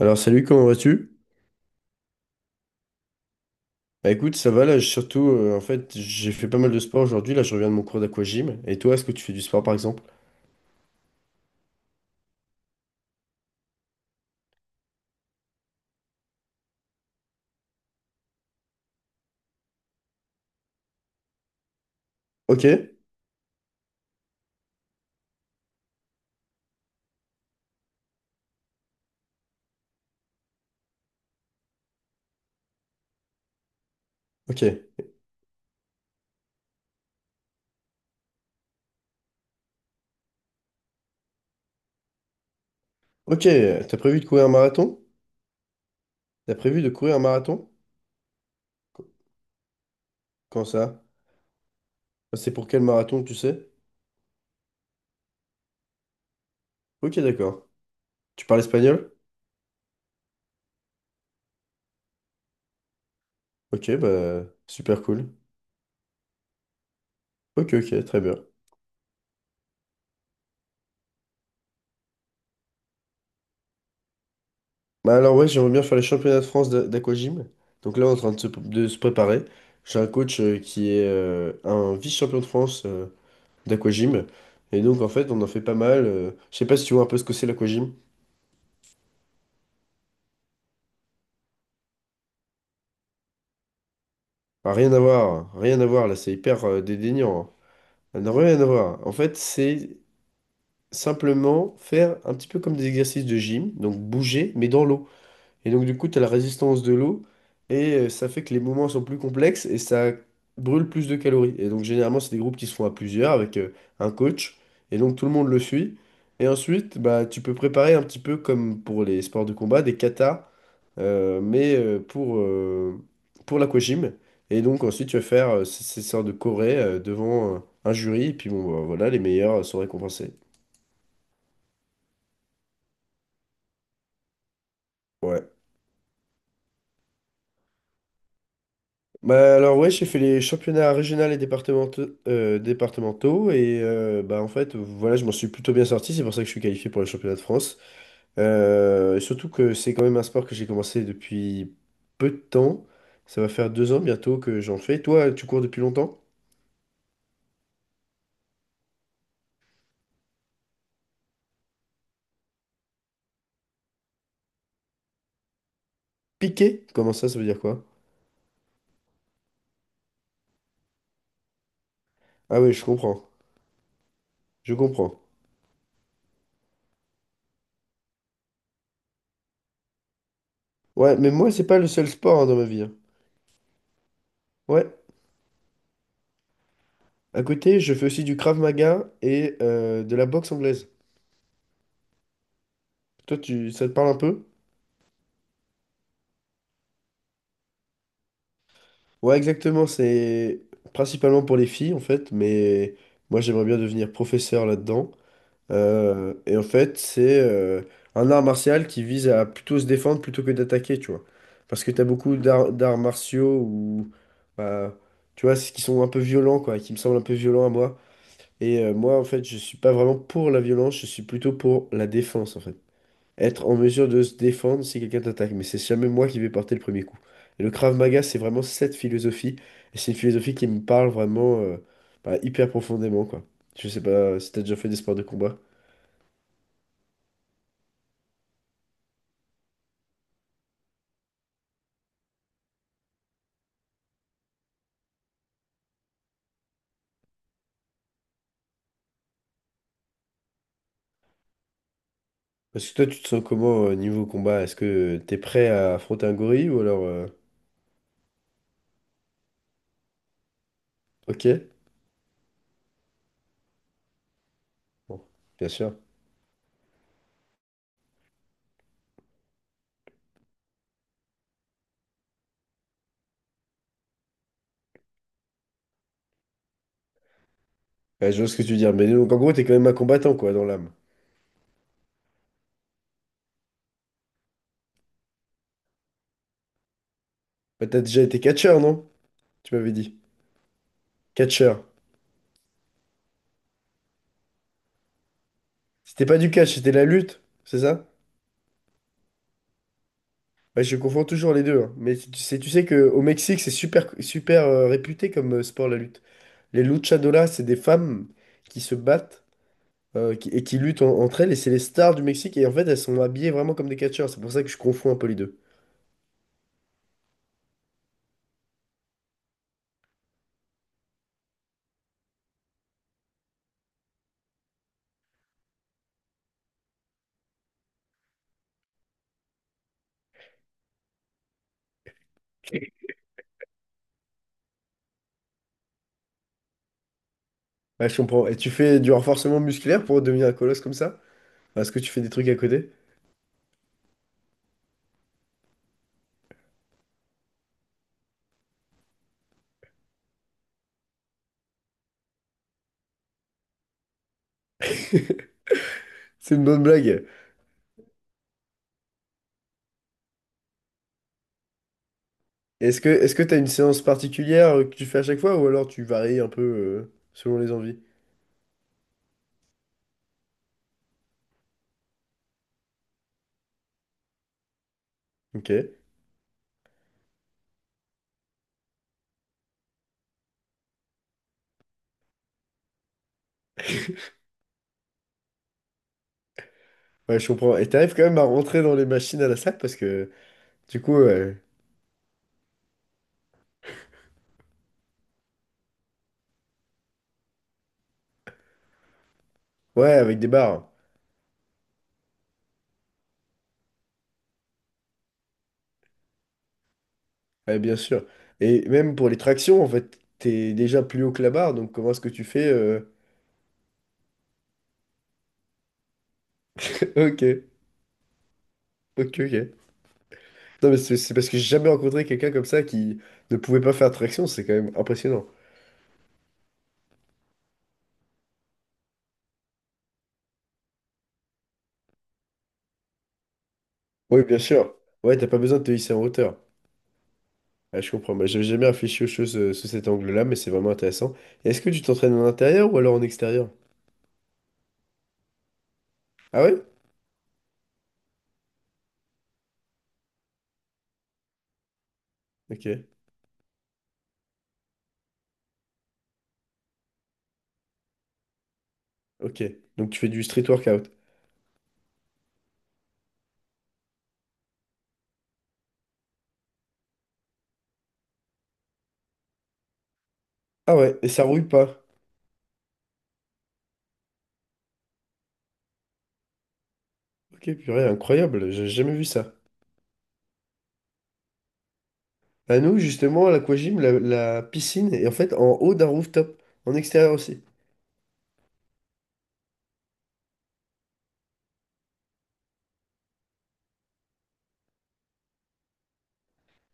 Alors salut, comment vas-tu? Bah écoute, ça va là, j'ai surtout en fait, j'ai fait pas mal de sport aujourd'hui, là je reviens de mon cours d'aquagym. Et toi, est-ce que tu fais du sport par exemple? OK, OK. OK, t'as prévu de courir un marathon? T'as prévu de courir un marathon? Quand ça? Enfin, c'est pour quel marathon, tu sais? OK, d'accord. Tu parles espagnol? OK, bah super cool. OK, OK, très bien. Bah alors ouais, j'aimerais bien faire les championnats de France d'aquagym. Donc là, on est en train de se préparer. J'ai un coach qui est un vice-champion de France d'aquagym. Et donc, en fait, on en fait pas mal, je sais pas si tu vois un peu ce que c'est l'aquagym. Ah, rien à voir, rien à voir, là, c'est hyper dédaignant, hein. Ça n'a rien à voir. En fait, c'est simplement faire un petit peu comme des exercices de gym, donc bouger, mais dans l'eau. Et donc, du coup, tu as la résistance de l'eau, et ça fait que les mouvements sont plus complexes, et ça brûle plus de calories. Et donc, généralement, c'est des groupes qui se font à plusieurs, avec un coach, et donc tout le monde le suit. Et ensuite, bah, tu peux préparer un petit peu comme pour les sports de combat, des katas, mais pour l'aquagym. Et donc ensuite tu vas faire ces sortes de chorés devant un jury, et puis bon bah, voilà, les meilleurs sont récompensés. Ouais. Bah alors ouais, j'ai fait les championnats régionaux et départementaux, et bah en fait voilà, je m'en suis plutôt bien sorti, c'est pour ça que je suis qualifié pour les championnats de France. Et surtout que c'est quand même un sport que j'ai commencé depuis peu de temps. Ça va faire 2 ans bientôt que j'en fais. Toi, tu cours depuis longtemps? Piqué? Comment ça, ça veut dire quoi? Ah oui, je comprends. Je comprends. Ouais, mais moi, c'est pas le seul sport hein, dans ma vie. Hein. Ouais. À côté, je fais aussi du Krav Maga et de la boxe anglaise. Toi, ça te parle un peu? Ouais, exactement. C'est principalement pour les filles, en fait. Mais moi, j'aimerais bien devenir professeur là-dedans. Et en fait, c'est un art martial qui vise à plutôt se défendre plutôt que d'attaquer, tu vois. Parce que t'as beaucoup d'arts martiaux ou, bah, tu vois, qui sont un peu violents, quoi, qui me semblent un peu violents à moi. Et moi, en fait, je suis pas vraiment pour la violence, je suis plutôt pour la défense, en fait. Être en mesure de se défendre si quelqu'un t'attaque, mais c'est jamais moi qui vais porter le premier coup. Et le Krav Maga, c'est vraiment cette philosophie, et c'est une philosophie qui me parle vraiment bah, hyper profondément, quoi. Je sais pas si t'as déjà fait des sports de combat. Parce que toi, tu te sens comment niveau combat? Est-ce que t'es prêt à affronter un gorille ou alors... Ok? Bon, bien sûr. Ouais, je vois ce que tu veux dire, mais donc en gros, t'es quand même un combattant, quoi, dans l'âme. Bah, t'as déjà été catcheur, non? Tu m'avais dit. Catcheur. C'était pas du catch, c'était la lutte, c'est ça? Bah, je confonds toujours les deux, hein. Mais tu sais que au Mexique, c'est super, super réputé comme sport la lutte. Les luchadoras, c'est des femmes qui se battent, et qui luttent entre elles, et c'est les stars du Mexique. Et en fait, elles sont habillées vraiment comme des catcheurs. C'est pour ça que je confonds un peu les deux. Ouais, je comprends. Et tu fais du renforcement musculaire pour devenir un colosse comme ça? Est-ce que tu fais des trucs à côté? C'est une bonne blague. Est-ce que t'as une séance particulière que tu fais à chaque fois, ou alors tu varies un peu selon les envies? Ok. Ouais, je comprends. Et t'arrives quand même à rentrer dans les machines à la salle parce que, du coup, ouais, avec des barres. Ouais, bien sûr. Et même pour les tractions, en fait, t'es déjà plus haut que la barre, donc comment est-ce que tu fais? Ok, ok, ok. Non, mais c'est parce que j'ai jamais rencontré quelqu'un comme ça qui ne pouvait pas faire traction, c'est quand même impressionnant. Oui, bien sûr. Ouais, t'as pas besoin de te hisser en hauteur. Ouais, je comprends. Bah, j'avais jamais réfléchi aux choses sous cet angle-là, mais c'est vraiment intéressant. Et est-ce que tu t'entraînes en intérieur ou alors en extérieur? Ah ouais? Ok, ok. Donc tu fais du street workout. Ah ouais, et ça rouille pas. Ok, purée, incroyable, j'ai jamais vu ça. À nous, justement, à l'aquagym, la piscine est en fait en haut d'un rooftop, en extérieur aussi.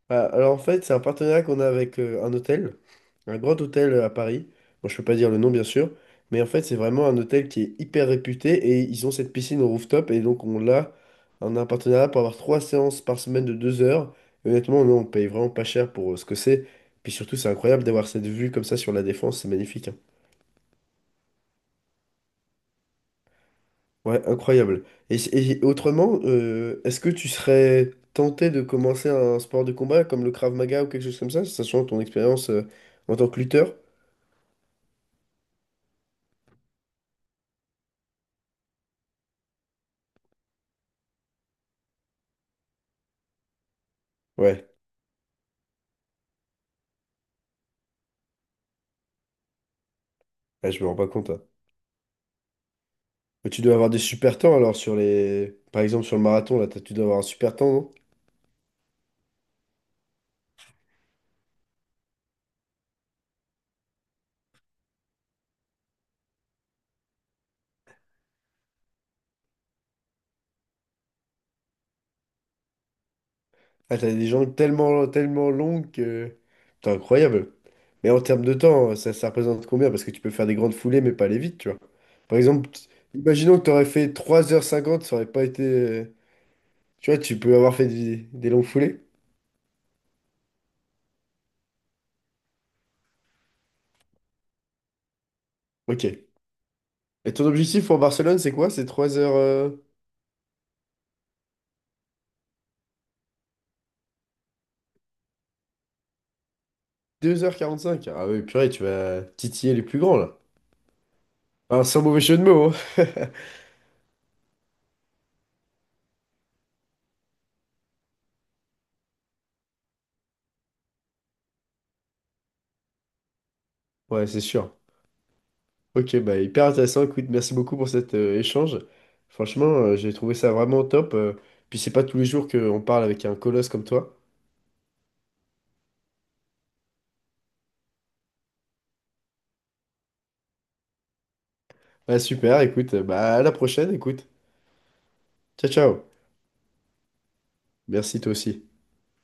Ah, alors en fait, c'est un partenariat qu'on a avec un hôtel, un grand hôtel à Paris. Bon, je peux pas dire le nom, bien sûr, mais en fait, c'est vraiment un hôtel qui est hyper réputé et ils ont cette piscine au rooftop et donc on a un partenariat pour avoir trois séances par semaine de 2 heures. Et honnêtement, nous, on paye vraiment pas cher pour ce que c'est. Puis surtout, c'est incroyable d'avoir cette vue comme ça sur la Défense, c'est magnifique, hein. Ouais, incroyable. Et autrement, est-ce que tu serais tenté de commencer un sport de combat comme le Krav Maga ou quelque chose comme ça, sachant ton expérience en tant que lutteur? Ouais, ouais, je me rends pas compte, hein. Mais tu dois avoir des super temps alors sur les... Par exemple sur le marathon, là, tu dois avoir un super temps, non? Ah, t'as des jambes tellement, tellement longues que... T'es incroyable. Mais en termes de temps, ça représente combien? Parce que tu peux faire des grandes foulées mais pas aller vite, tu vois. Par exemple, imaginons que t'aurais fait 3 h 50 ça aurait pas été... Tu vois, tu peux avoir fait des longues foulées. Ok. Et ton objectif pour Barcelone, c'est quoi? C'est 3 heures, 2 h 45. Ah oui, purée, tu vas titiller les plus grands, là. Ah, sans mauvais jeu de mots, hein. Ouais, c'est sûr. Ok, bah hyper intéressant. Écoute, merci beaucoup pour cet échange. Franchement, j'ai trouvé ça vraiment top, puis c'est pas tous les jours qu'on parle avec un colosse comme toi. Ah, super, écoute, bah à la prochaine, écoute. Ciao, ciao. Merci toi aussi.